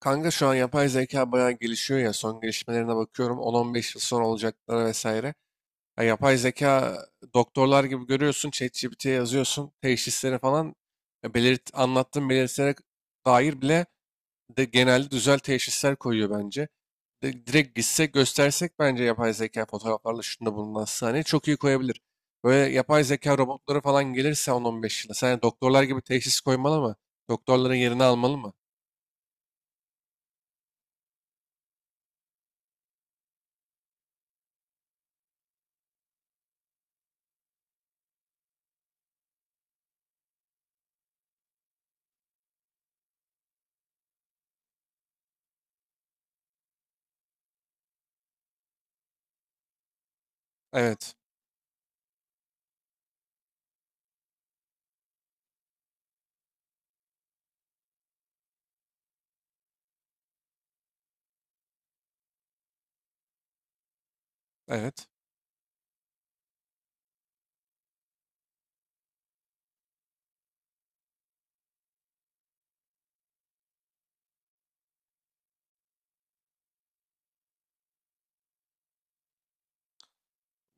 Kanka şu an yapay zeka bayağı gelişiyor ya, son gelişmelerine bakıyorum, 10-15 yıl sonra olacaklara vesaire. Ya, yapay zeka doktorlar gibi görüyorsun, ChatGPT'ye yazıyorsun teşhisleri falan. Ya belirt, anlattığın belirtilere dair bile de genelde düzel teşhisler koyuyor bence. Direkt gitsek göstersek bence yapay zeka fotoğraflarla şunda bulunan sahneyi çok iyi koyabilir. Böyle yapay zeka robotları falan gelirse 10-15 yıla, sen doktorlar gibi teşhis koymalı mı? Doktorların yerini almalı mı? Evet, evet.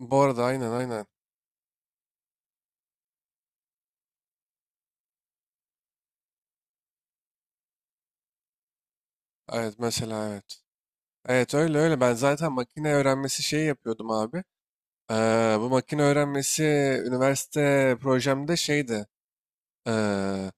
Bu arada aynen, aynen. Evet, mesela, evet. Evet, öyle öyle. Ben zaten makine öğrenmesi şeyi yapıyordum abi. Bu makine öğrenmesi üniversite projemde şeydi. Ee,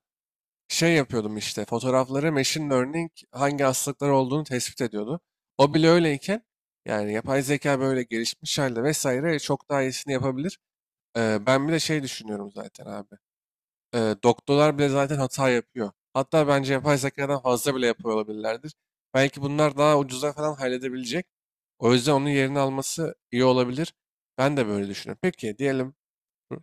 Şey yapıyordum işte. Fotoğrafları machine learning hangi hastalıklar olduğunu tespit ediyordu. O bile öyleyken yani yapay zeka böyle gelişmiş halde vesaire çok daha iyisini yapabilir. Ben bir de şey düşünüyorum zaten abi. Doktorlar bile zaten hata yapıyor. Hatta bence yapay zekadan fazla bile yapıyor olabilirlerdir. Belki bunlar daha ucuza falan halledebilecek. O yüzden onun yerini alması iyi olabilir. Ben de böyle düşünüyorum. Peki diyelim. Hı,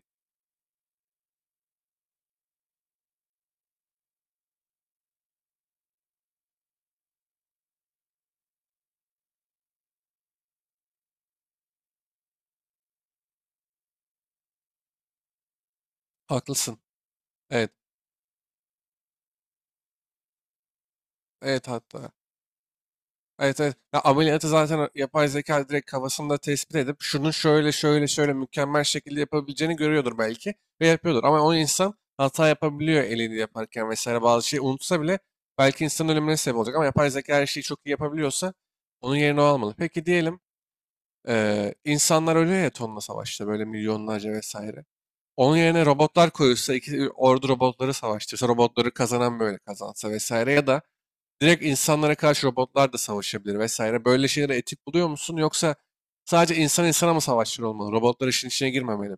haklısın. Evet. Evet, hatta evet, evet. Ya, ameliyatı zaten yapay zeka direkt kafasında tespit edip şunu şöyle şöyle şöyle mükemmel şekilde yapabileceğini görüyordur belki ve yapıyordur. Ama o insan hata yapabiliyor, elini yaparken vesaire bazı şeyi unutsa bile belki insanın ölümüne sebep olacak. Ama yapay zeka her şeyi çok iyi yapabiliyorsa onun yerine o almalı. Peki diyelim, insanlar ölüyor ya tonla savaşta, böyle milyonlarca vesaire. Onun yerine robotlar koyulsa, iki ordu robotları savaştırsa, robotları kazanan böyle kazansa vesaire, ya da direkt insanlara karşı robotlar da savaşabilir vesaire. Böyle şeyleri etik buluyor musun? Yoksa sadece insan insana mı savaşçılar olmalı? Robotlar işin içine girmemeli mi?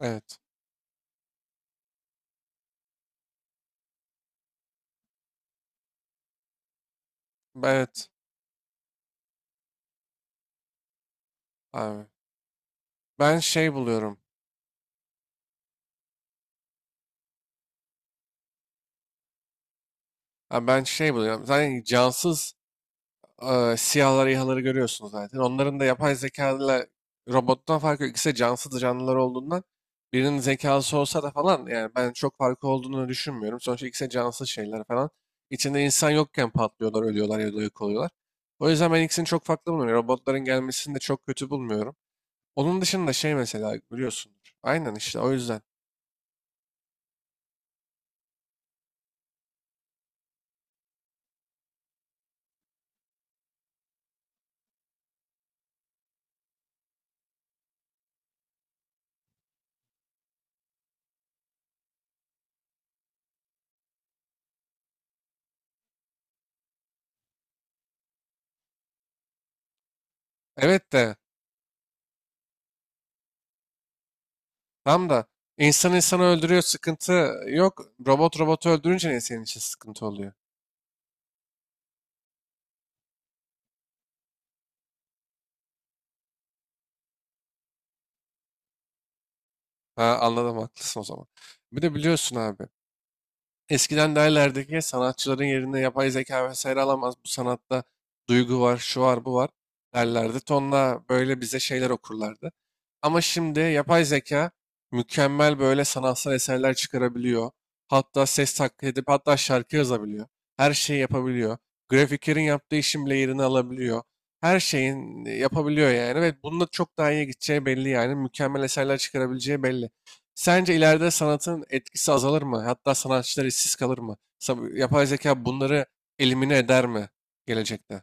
Evet. Evet abi. Ben şey buluyorum. Ha, ben şey buluyorum. Zaten cansız, siyahları, İHA'ları görüyorsunuz zaten. Onların da yapay zekalarla robottan farkı yok. İkisi de cansız canlılar olduğundan birinin zekası olsa da falan yani ben çok farkı olduğunu düşünmüyorum. Sonuçta ikisi de cansız şeyler falan. İçinde insan yokken patlıyorlar, ölüyorlar ya da yok oluyorlar. O yüzden ben ikisini çok farklı bulmuyorum. Yani robotların gelmesini de çok kötü bulmuyorum. Onun dışında şey, mesela biliyorsundur. Aynen işte, o yüzden. Evet de tam da insan insanı öldürüyor, sıkıntı yok. Robot robotu öldürünce ne senin için sıkıntı oluyor? Ha, anladım, haklısın o zaman. Bir de biliyorsun abi. Eskiden derlerdi ki sanatçıların yerine yapay zeka vesaire alamaz. Bu sanatta duygu var, şu var, bu var derlerdi. Tonla böyle bize şeyler okurlardı. Ama şimdi yapay zeka mükemmel böyle sanatsal eserler çıkarabiliyor. Hatta ses taklit edip hatta şarkı yazabiliyor. Her şeyi yapabiliyor. Grafiklerin yaptığı işin bile yerini alabiliyor. Her şeyin yapabiliyor yani ve bununla çok daha iyiye gideceği belli yani. Mükemmel eserler çıkarabileceği belli. Sence ileride sanatın etkisi azalır mı? Hatta sanatçılar işsiz kalır mı? Yapay zeka bunları elimine eder mi gelecekte?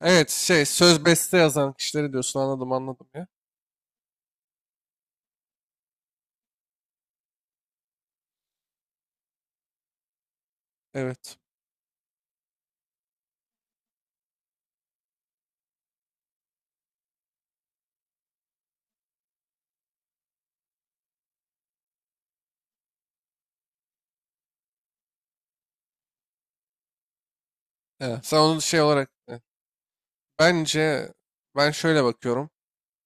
Evet, şey, söz beste yazan kişileri diyorsun, anladım anladım ya. Evet. Evet. Sen onu şey olarak, bence ben şöyle bakıyorum.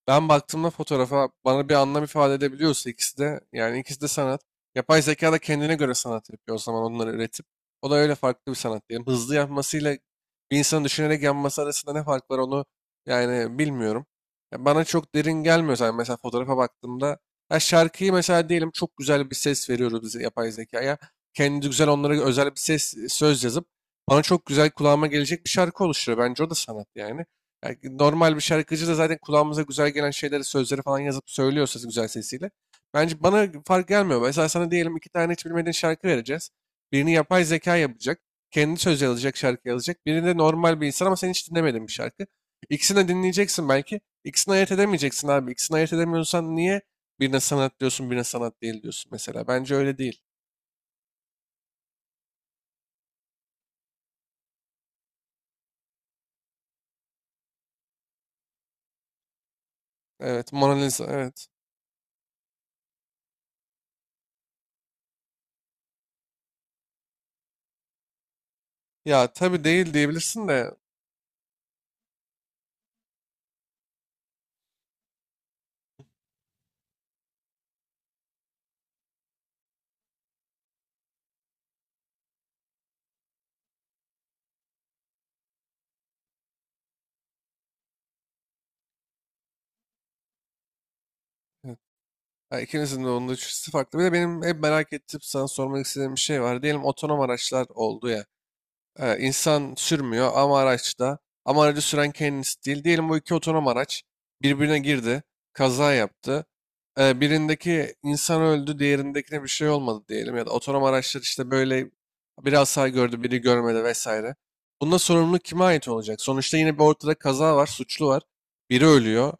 Ben baktığımda fotoğrafa bana bir anlam ifade edebiliyorsa ikisi de, yani ikisi de sanat. Yapay zeka da kendine göre sanat yapıyor o zaman onları üretip. O da öyle farklı bir sanat diyelim. Hızlı yapmasıyla bir insanın düşünerek yapması arasında ne fark var, onu yani bilmiyorum. Ya bana çok derin gelmiyor zaten, mesela fotoğrafa baktığımda. Ya şarkıyı mesela diyelim, çok güzel bir ses veriyoruz biz yapay zekaya. Kendi güzel onlara özel bir ses, söz yazıp bana çok güzel kulağıma gelecek bir şarkı oluşturuyor. Bence o da sanat yani. Yani normal bir şarkıcı da zaten kulağımıza güzel gelen şeyleri, sözleri falan yazıp söylüyorsa güzel sesiyle. Bence bana fark gelmiyor. Mesela sana diyelim, iki tane hiç bilmediğin şarkı vereceğiz. Birini yapay zeka yapacak. Kendi söz yazacak, şarkı yazacak. Birini de normal bir insan, ama sen hiç dinlemedin bir şarkı. İkisini de dinleyeceksin belki. İkisini ayırt edemeyeceksin abi. İkisini ayırt edemiyorsan niye birine sanat diyorsun, birine sanat değil diyorsun mesela. Bence öyle değil. Evet, Mona Lisa, evet. Ya tabii, değil diyebilirsin de evet. Ha, ikinizin de, onun da üçüncüsü farklı. Bir de benim hep merak ettim, sana sormak istediğim bir şey var. Diyelim otonom araçlar oldu ya. İnsan sürmüyor ama araçta. Ama aracı süren kendisi değil. Diyelim bu iki otonom araç birbirine girdi. Kaza yaptı. Birindeki insan öldü, diğerindekine bir şey olmadı diyelim. Ya da otonom araçlar işte böyle bir hasar gördü, biri görmedi vesaire. Bunda sorumluluk kime ait olacak? Sonuçta yine bir ortada kaza var, suçlu var. Biri ölüyor.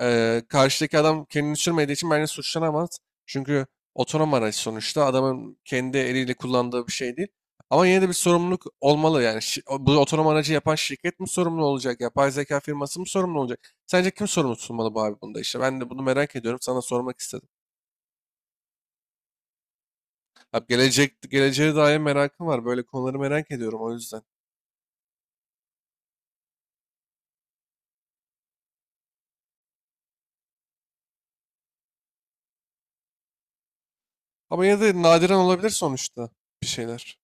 Karşıdaki adam kendini sürmediği için bence suçlanamaz. Çünkü otonom araç sonuçta adamın kendi eliyle kullandığı bir şey değil. Ama yine de bir sorumluluk olmalı yani. Bu otonom aracı yapan şirket mi sorumlu olacak? Yapay zeka firması mı sorumlu olacak? Sence kim sorumlu tutulmalı bu abi, bunda işte? Ben de bunu merak ediyorum. Sana sormak istedim. Abi gelecek, geleceğe dair merakım var. Böyle konuları merak ediyorum o yüzden. Ama yine de nadiren olabilir sonuçta bir şeyler.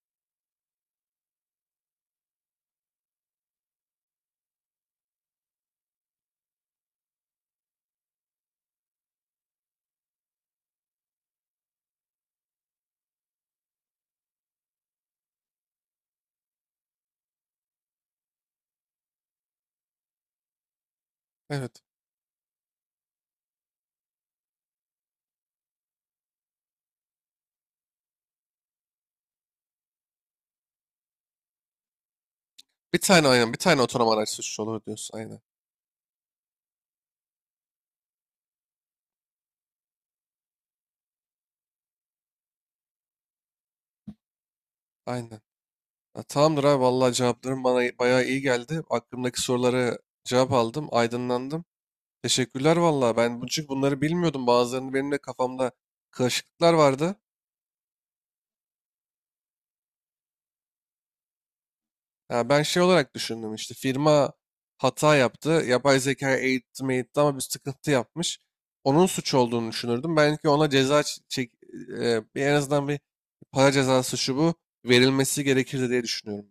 Evet. Bir tane aynen. Bir tane otonom araç suçlu olur diyorsun. Aynen. Aynen. Ha, tamamdır abi. Vallahi cevapların bana bayağı iyi geldi. Aklımdaki soruları cevap aldım. Aydınlandım. Teşekkürler valla. Ben bu- çünkü bunları bilmiyordum. Bazılarını benim de kafamda karışıklıklar vardı. Ya ben şey olarak düşündüm, işte firma hata yaptı. Yapay zekaya eğitti meğitti ama bir sıkıntı yapmış. Onun suç olduğunu düşünürdüm. Belki ona ceza çek, e, bir en azından bir para cezası şu bu verilmesi gerekirdi diye düşünüyorum.